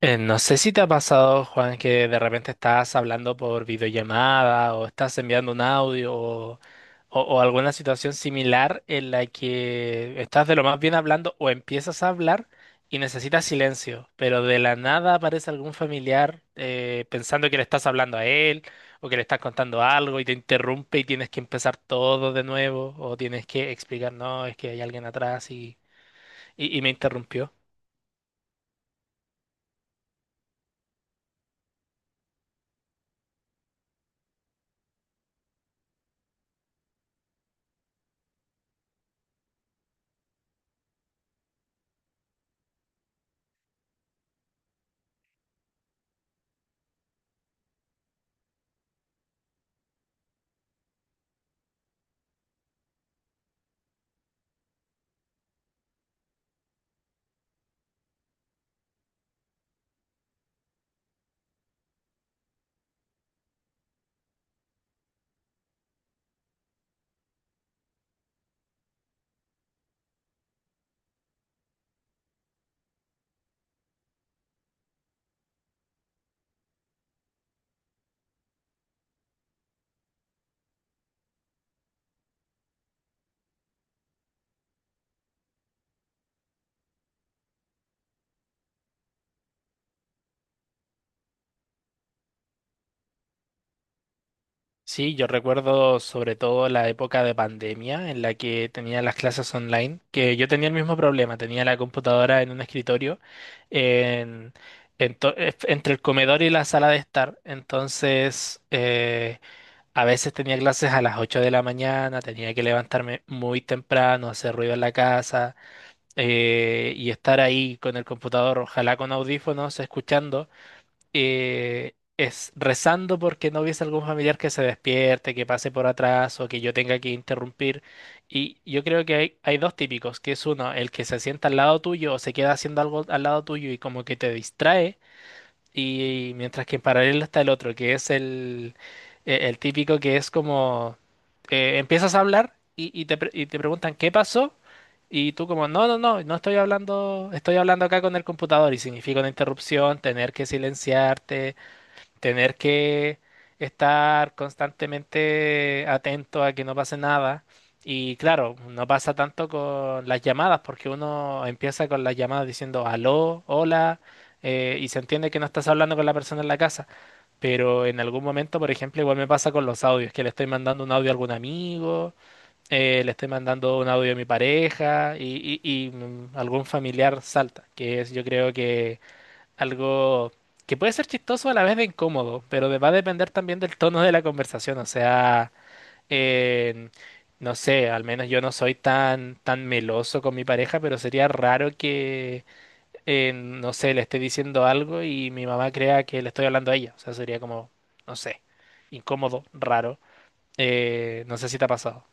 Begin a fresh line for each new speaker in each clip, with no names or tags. No sé si te ha pasado, Juan, que de repente estás hablando por videollamada o estás enviando un audio o alguna situación similar en la que estás de lo más bien hablando o empiezas a hablar y necesitas silencio, pero de la nada aparece algún familiar pensando que le estás hablando a él o que le estás contando algo y te interrumpe y tienes que empezar todo de nuevo o tienes que explicar, no, es que hay alguien atrás y, y me interrumpió. Sí, yo recuerdo sobre todo la época de pandemia en la que tenía las clases online, que yo tenía el mismo problema, tenía la computadora en un escritorio en, entre el comedor y la sala de estar, entonces a veces tenía clases a las 8 de la mañana, tenía que levantarme muy temprano, hacer ruido en la casa y estar ahí con el computador, ojalá con audífonos, escuchando es rezando porque no hubiese algún familiar que se despierte, que pase por atrás o que yo tenga que interrumpir. Y yo creo que hay dos típicos, que es uno, el que se sienta al lado tuyo o se queda haciendo algo al lado tuyo y como que te distrae. Y mientras que en paralelo está el otro, que es el típico que es como empiezas a hablar y, y te preguntan qué pasó y tú como no, no, no, no estoy hablando, estoy hablando acá con el computador y significa una interrupción, tener que silenciarte, tener que estar constantemente atento a que no pase nada. Y claro, no pasa tanto con las llamadas, porque uno empieza con las llamadas diciendo aló, hola, y se entiende que no estás hablando con la persona en la casa. Pero en algún momento, por ejemplo, igual me pasa con los audios, que le estoy mandando un audio a algún amigo, le estoy mandando un audio a mi pareja y algún familiar salta, que es yo creo que algo que puede ser chistoso a la vez de incómodo, pero va a depender también del tono de la conversación. O sea, eh, no sé, al menos yo no soy tan, tan meloso con mi pareja, pero sería raro que, no sé, le esté diciendo algo y mi mamá crea que le estoy hablando a ella. O sea, sería como, no sé, incómodo, raro. No sé si te ha pasado.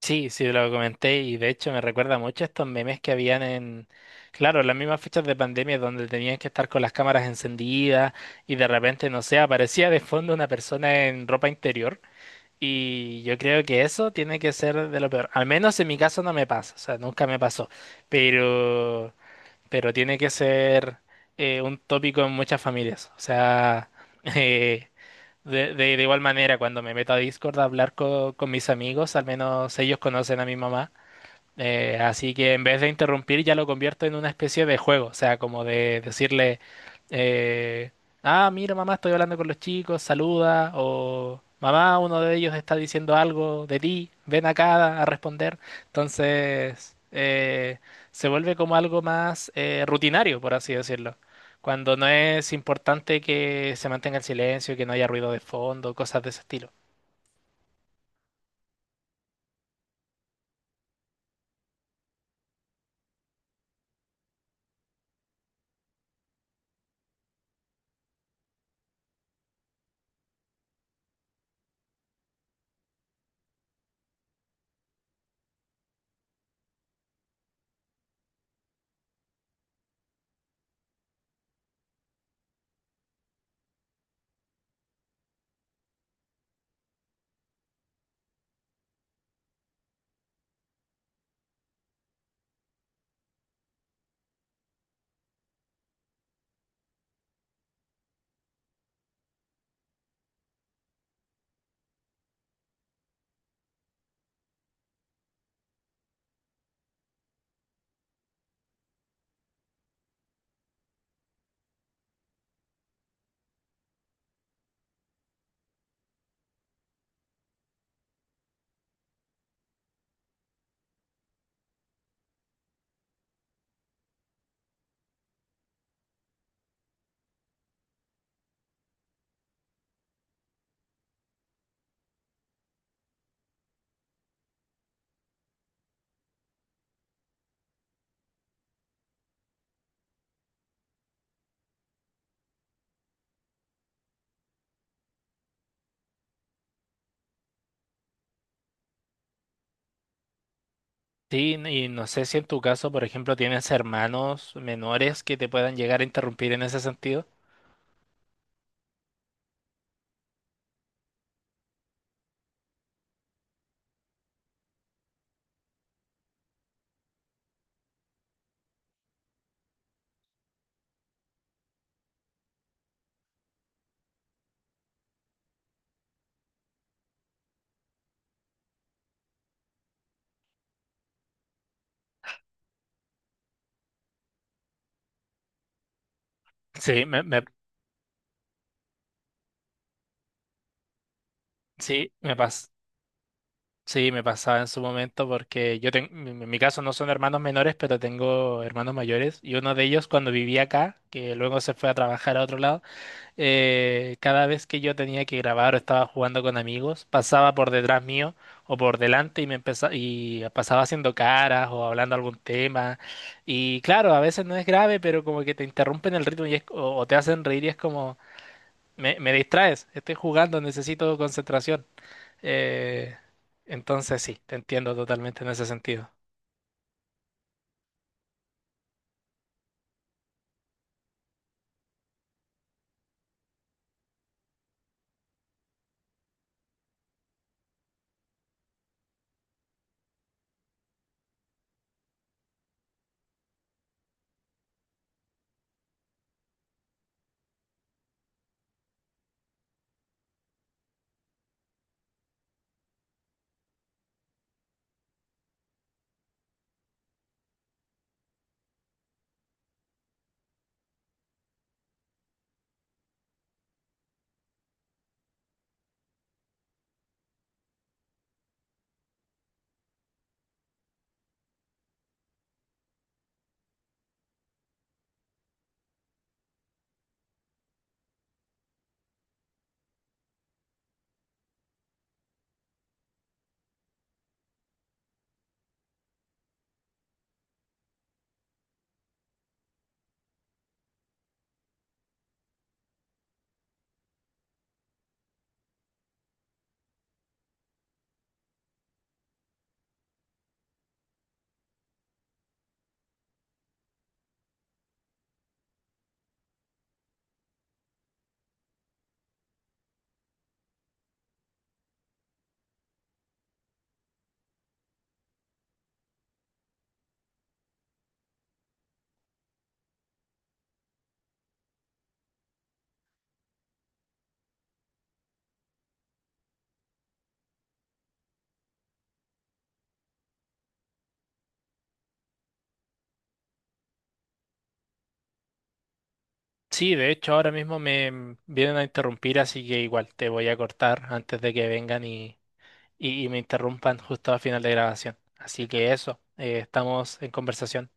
Sí, sí, lo comenté y de hecho me recuerda mucho a estos memes que habían en, claro, las mismas fechas de pandemia donde tenían que estar con las cámaras encendidas y de repente, no sé, aparecía de fondo una persona en ropa interior y yo creo que eso tiene que ser de lo peor. Al menos en mi caso no me pasa, o sea, nunca me pasó, pero, pero tiene que ser un tópico en muchas familias, o sea, de igual manera, cuando me meto a Discord a hablar con mis amigos, al menos ellos conocen a mi mamá. Así que en vez de interrumpir ya lo convierto en una especie de juego, o sea, como de decirle, eh, ah, mira mamá, estoy hablando con los chicos, saluda, o mamá, uno de ellos está diciendo algo de ti, ven acá a responder. Entonces, se vuelve como algo más rutinario, por así decirlo. Cuando no es importante que se mantenga el silencio, que no haya ruido de fondo, cosas de ese estilo. Sí, y no sé si en tu caso, por ejemplo, tienes hermanos menores que te puedan llegar a interrumpir en ese sentido. Sí, me, me- sí, me pas- sí, me pasaba en su momento porque yo tengo, en mi caso no son hermanos menores, pero tengo hermanos mayores y uno de ellos cuando vivía acá, que luego se fue a trabajar a otro lado, cada vez que yo tenía que grabar o estaba jugando con amigos, pasaba por detrás mío o por delante y me empezaba y pasaba haciendo caras o hablando algún tema. Y claro, a veces no es grave, pero como que te interrumpen el ritmo y o te hacen reír y es como, me distraes, estoy jugando, necesito concentración. Eh, entonces sí, te entiendo totalmente en ese sentido. Sí, de hecho ahora mismo me vienen a interrumpir, así que igual te voy a cortar antes de que vengan y... y me interrumpan justo al final de grabación. Así que eso, estamos en conversación.